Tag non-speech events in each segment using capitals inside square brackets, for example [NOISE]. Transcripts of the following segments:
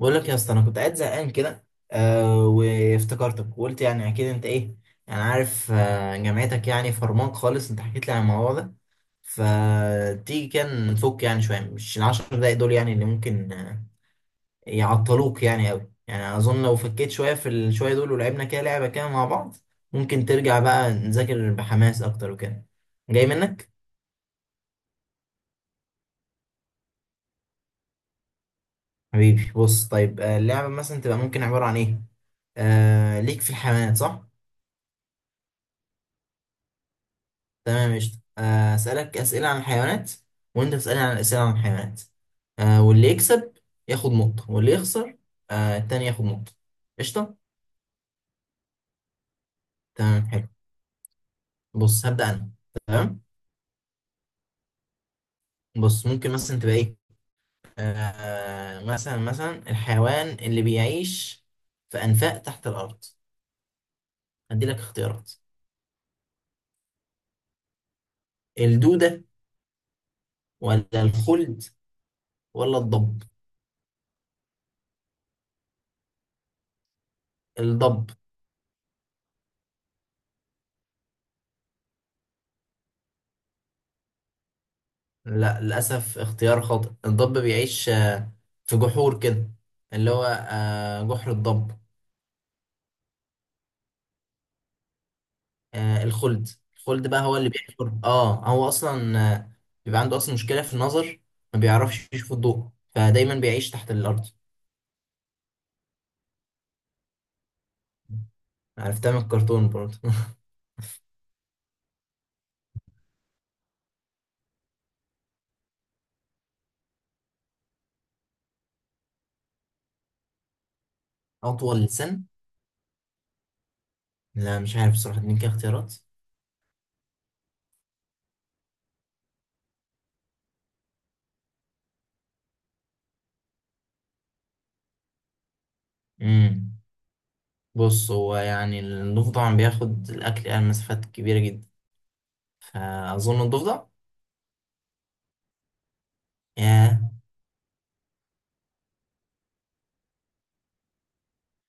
بقول لك يا اسطى، انا كنت قاعد زهقان كده. آه، وافتكرتك وقلت يعني اكيد انت ايه. يعني عارف، جامعتك يعني فرمان خالص، انت حكيت لي عن الموضوع ده. فتيجي كان نفك يعني شويه، مش ال10 دقايق دول يعني اللي ممكن يعطلوك يعني قوي. يعني اظن لو فكيت شويه في الشويه دول ولعبنا كده لعبه كده مع بعض، ممكن ترجع بقى نذاكر بحماس اكتر وكده. جاي منك. حبيبي بص، طيب اللعبه مثلا تبقى ممكن عباره عن ايه؟ آه، ليك في الحيوانات صح؟ تمام قشطة، أسألك أسئلة عن الحيوانات، وأنت تسألني عن أسئلة عن الحيوانات. واللي يكسب ياخد نقطة، واللي يخسر التاني ياخد نقطة. قشطة. تمام حلو. بص هبدأ أنا. تمام. بص ممكن مثلا تبقى إيه؟ مثلا الحيوان اللي بيعيش في أنفاق تحت الأرض. هدي لك اختيارات: الدودة، ولا الخلد، ولا الضب. الضب؟ لا للأسف، اختيار خاطئ. الضب بيعيش في جحور كده، اللي هو جحر الضب. آه، الخلد. الخلد بقى هو اللي بيحفر، هو أصلا بيبقى عنده أصلا مشكلة في النظر، ما بيعرفش يشوف الضوء، فدايما بيعيش تحت الأرض. عرفتها من الكرتون برضه. [LAUGHS] أطول لسان؟ لا مش عارف بصراحة، اديني كده اختيارات. امم بص، هو يعني الضفدع بياخد الأكل يعني مسافات كبيرة جدا، فأظن الضفدع. ياه.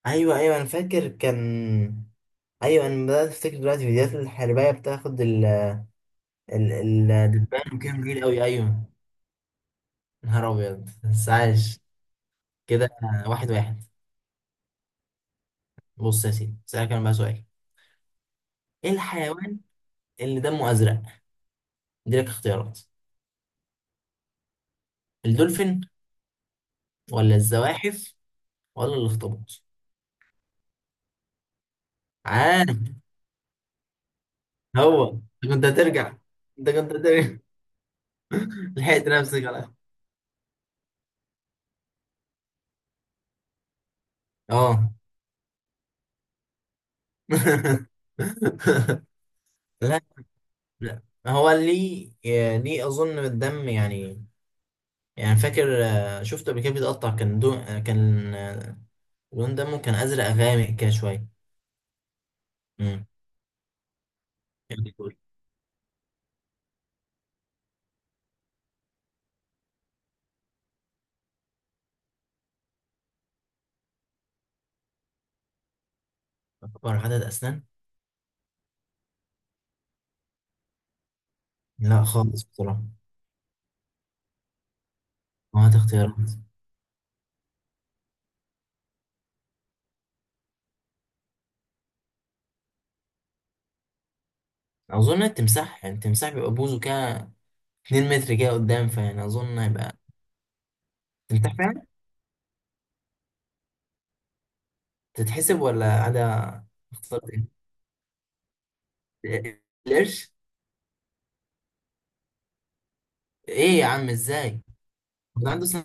أيوه أيوه أنا فاكر كان. ايوه انا بدات افتكر دلوقتي، فيديوهات الحربايه بتاخد ال الدبان كان كبير قوي، ايوه. نهار ابيض، بس عايش كده. واحد واحد. بص يا سيدي، اسالك انا بقى سؤال: ايه الحيوان اللي دمه ازرق؟ دي لك اختيارات: الدولفين، ولا الزواحف، ولا الاخطبوط. عارف. هو. انت كنت هترجع، انت كنت هترجع. [LAUGHS] لحقت نفسك على. اه. [LAUGHS] لا. لا، هو ليه، اظن الدم يعني، يعني فاكر شفته قبل كده بيتقطع، كان دون كان لون دمه كان ازرق غامق كده شويه. امم. اكبر عدد اسنان؟ لا خالص بصراحه. هات اختيارات. اظن التمساح، يعني التمساح بيبقى بوزه كده 2 متر كده قدام، فيعني اظن هيبقى تمساح فعلا. تتحسب ولا عدا؟ اخترت إيه؟ القرش. ايه يا عم ازاي؟ ده عنده سن؟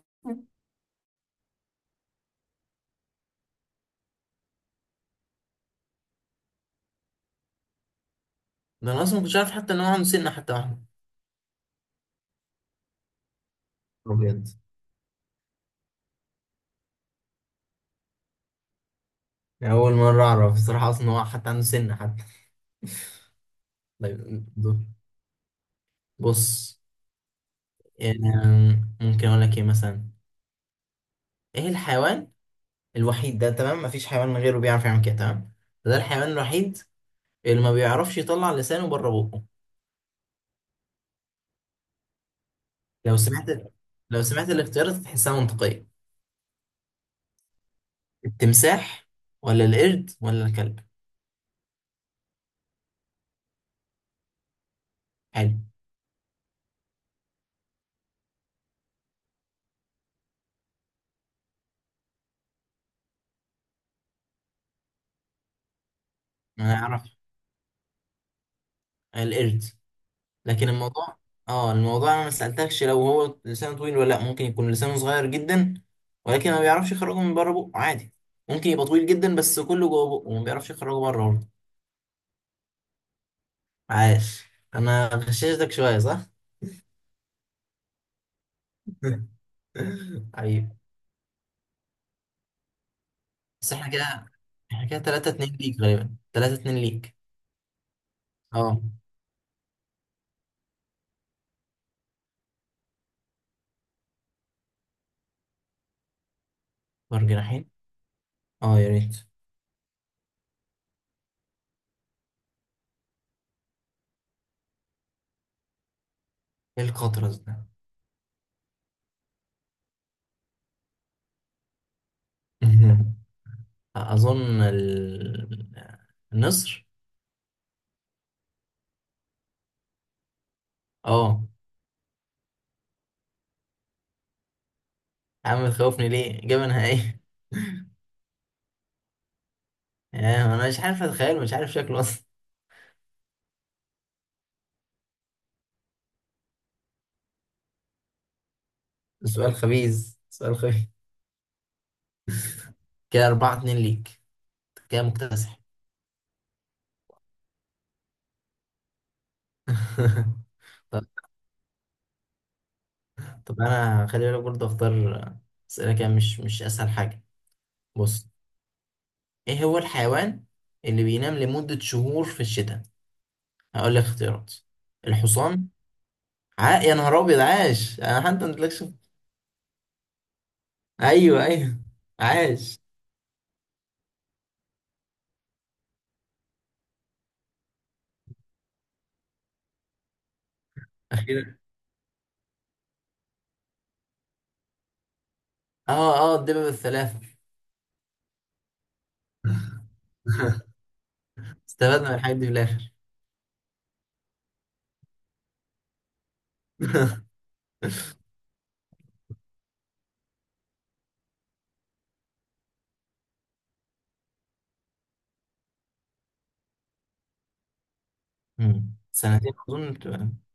ده انا اصلا ما كنتش عارف حتى ان هو عنده سنه حتى واحده. ابيض. يعني اول مره اعرف بصراحه اصلا ان هو حتى عنده سنه حتى. طيب. بص. يعني ممكن اقول لك ايه مثلا. ايه الحيوان الوحيد ده، تمام؟ مفيش حيوان غيره بيعرف يعمل كده، تمام. ده الحيوان الوحيد اللي ما بيعرفش يطلع لسانه بره بقه. لو سمعت لو سمعت الاختيارات تحسها منطقية. التمساح، ولا القرد، ولا الكلب. حلو. انا اعرف. القرد. لكن الموضوع، اه الموضوع، انا ما سألتكش لو هو لسانه طويل ولا لا، ممكن يكون لسانه صغير جدا، ولكن ما بيعرفش يخرجه من بره بقه عادي. ممكن يبقى طويل جدا بس كله جوه بقه، وما بيعرفش يخرجه بره. عاش. انا غششتك شوية، صح؟ [LAUGHS] عيب. بس احنا كده، 3-2 ليك غالبا، 3-2 ليك. اه. فار جناحين! اه يا ريت. ايه القطرز ده؟ [LAUGHS] اظن النصر. اه. يا عم تخوفني ليه؟ اجابة نهائية؟ [LAUGHS] انا مش عارف اتخيل، مش عارف شكله اصلا. [LAUGHS] سؤال خبيث، سؤال خبيث. كده 4-2 ليك، كده مكتسح. [LAUGHS] طب انا خلي بالك برضه، اختار اسئله كده، مش اسهل حاجه. بص، ايه هو الحيوان اللي بينام لمده شهور في الشتاء؟ هقول لك اختيارات: الحصان. عا، يا نهار ابيض، عاش! انا حتى ما قلتلكش. ايوه ايوه. عاش. اخيرا. اه اه، الدببة الثلاثه. [LAUGHS] استفدنا من الحاجات دي في الاخر. [LAUGHS] مم. سنتين اظن بتبقى-.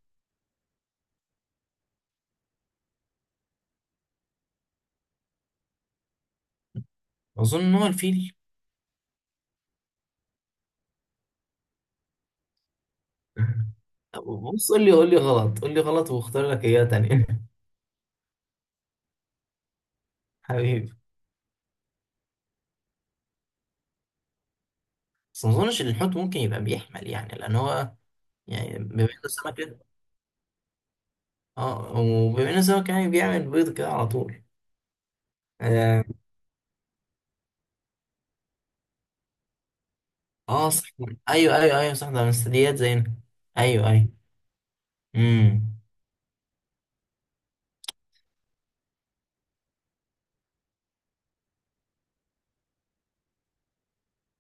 اظن ان هو الفيل. [LAUGHS] بص، قول لي غلط، قول لي غلط واختار لك اياه تانية. [LAUGHS] حبيبي. بس ما اظنش ان الحوت ممكن يبقى بيحمل يعني، لان هو يعني بما ان السمك كده. اه، وبما ان السمك يعني بيعمل بيض كده على طول. اه. صح. ايوه ايوه ايوه صح، ده من الثدييات زينا. ايوه ايوه. امم.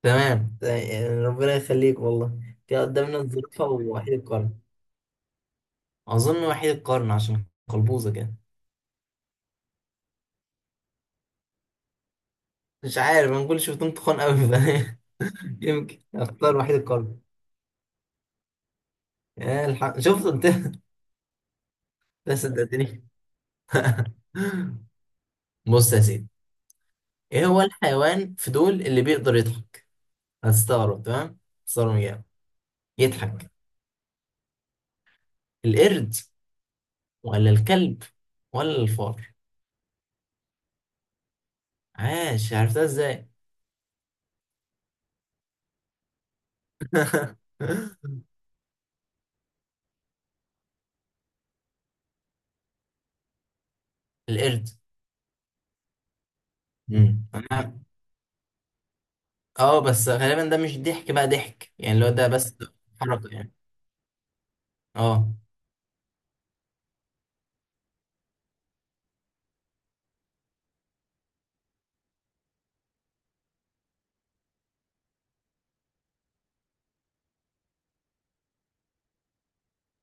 تمام، ربنا يخليك والله. دي قدامنا الزرافه ووحيد القرن. اظن وحيد القرن عشان قلبوزه كده. مش عارف، انا كل شفتهم تخان قوي. [LAUGHS] يمكن اختار وحيد القرن. يا الحق شفت انت. [LAUGHS] بس صدقتني. [LAUGHS] بص يا سيدي، ايه هو الحيوان في دول اللي بيقدر يضحك؟ هتستغرب، تمام؟ هتستغرب جامد. يضحك. القرد، ولا الكلب، ولا الفار. عاش. عرفتها ازاي؟ [LAUGHS] القرد. مم. أنا-. اه، بس غالبا ده مش ضحك بقى، ضحك يعني لو ده بس. حركة يعني. اه.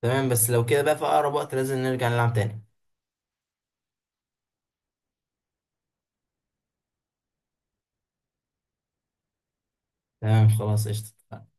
تمام، بس لو كده بقى في اقرب وقت لازم نرجع نلعب تاني. تمام، خلاص، قشطة.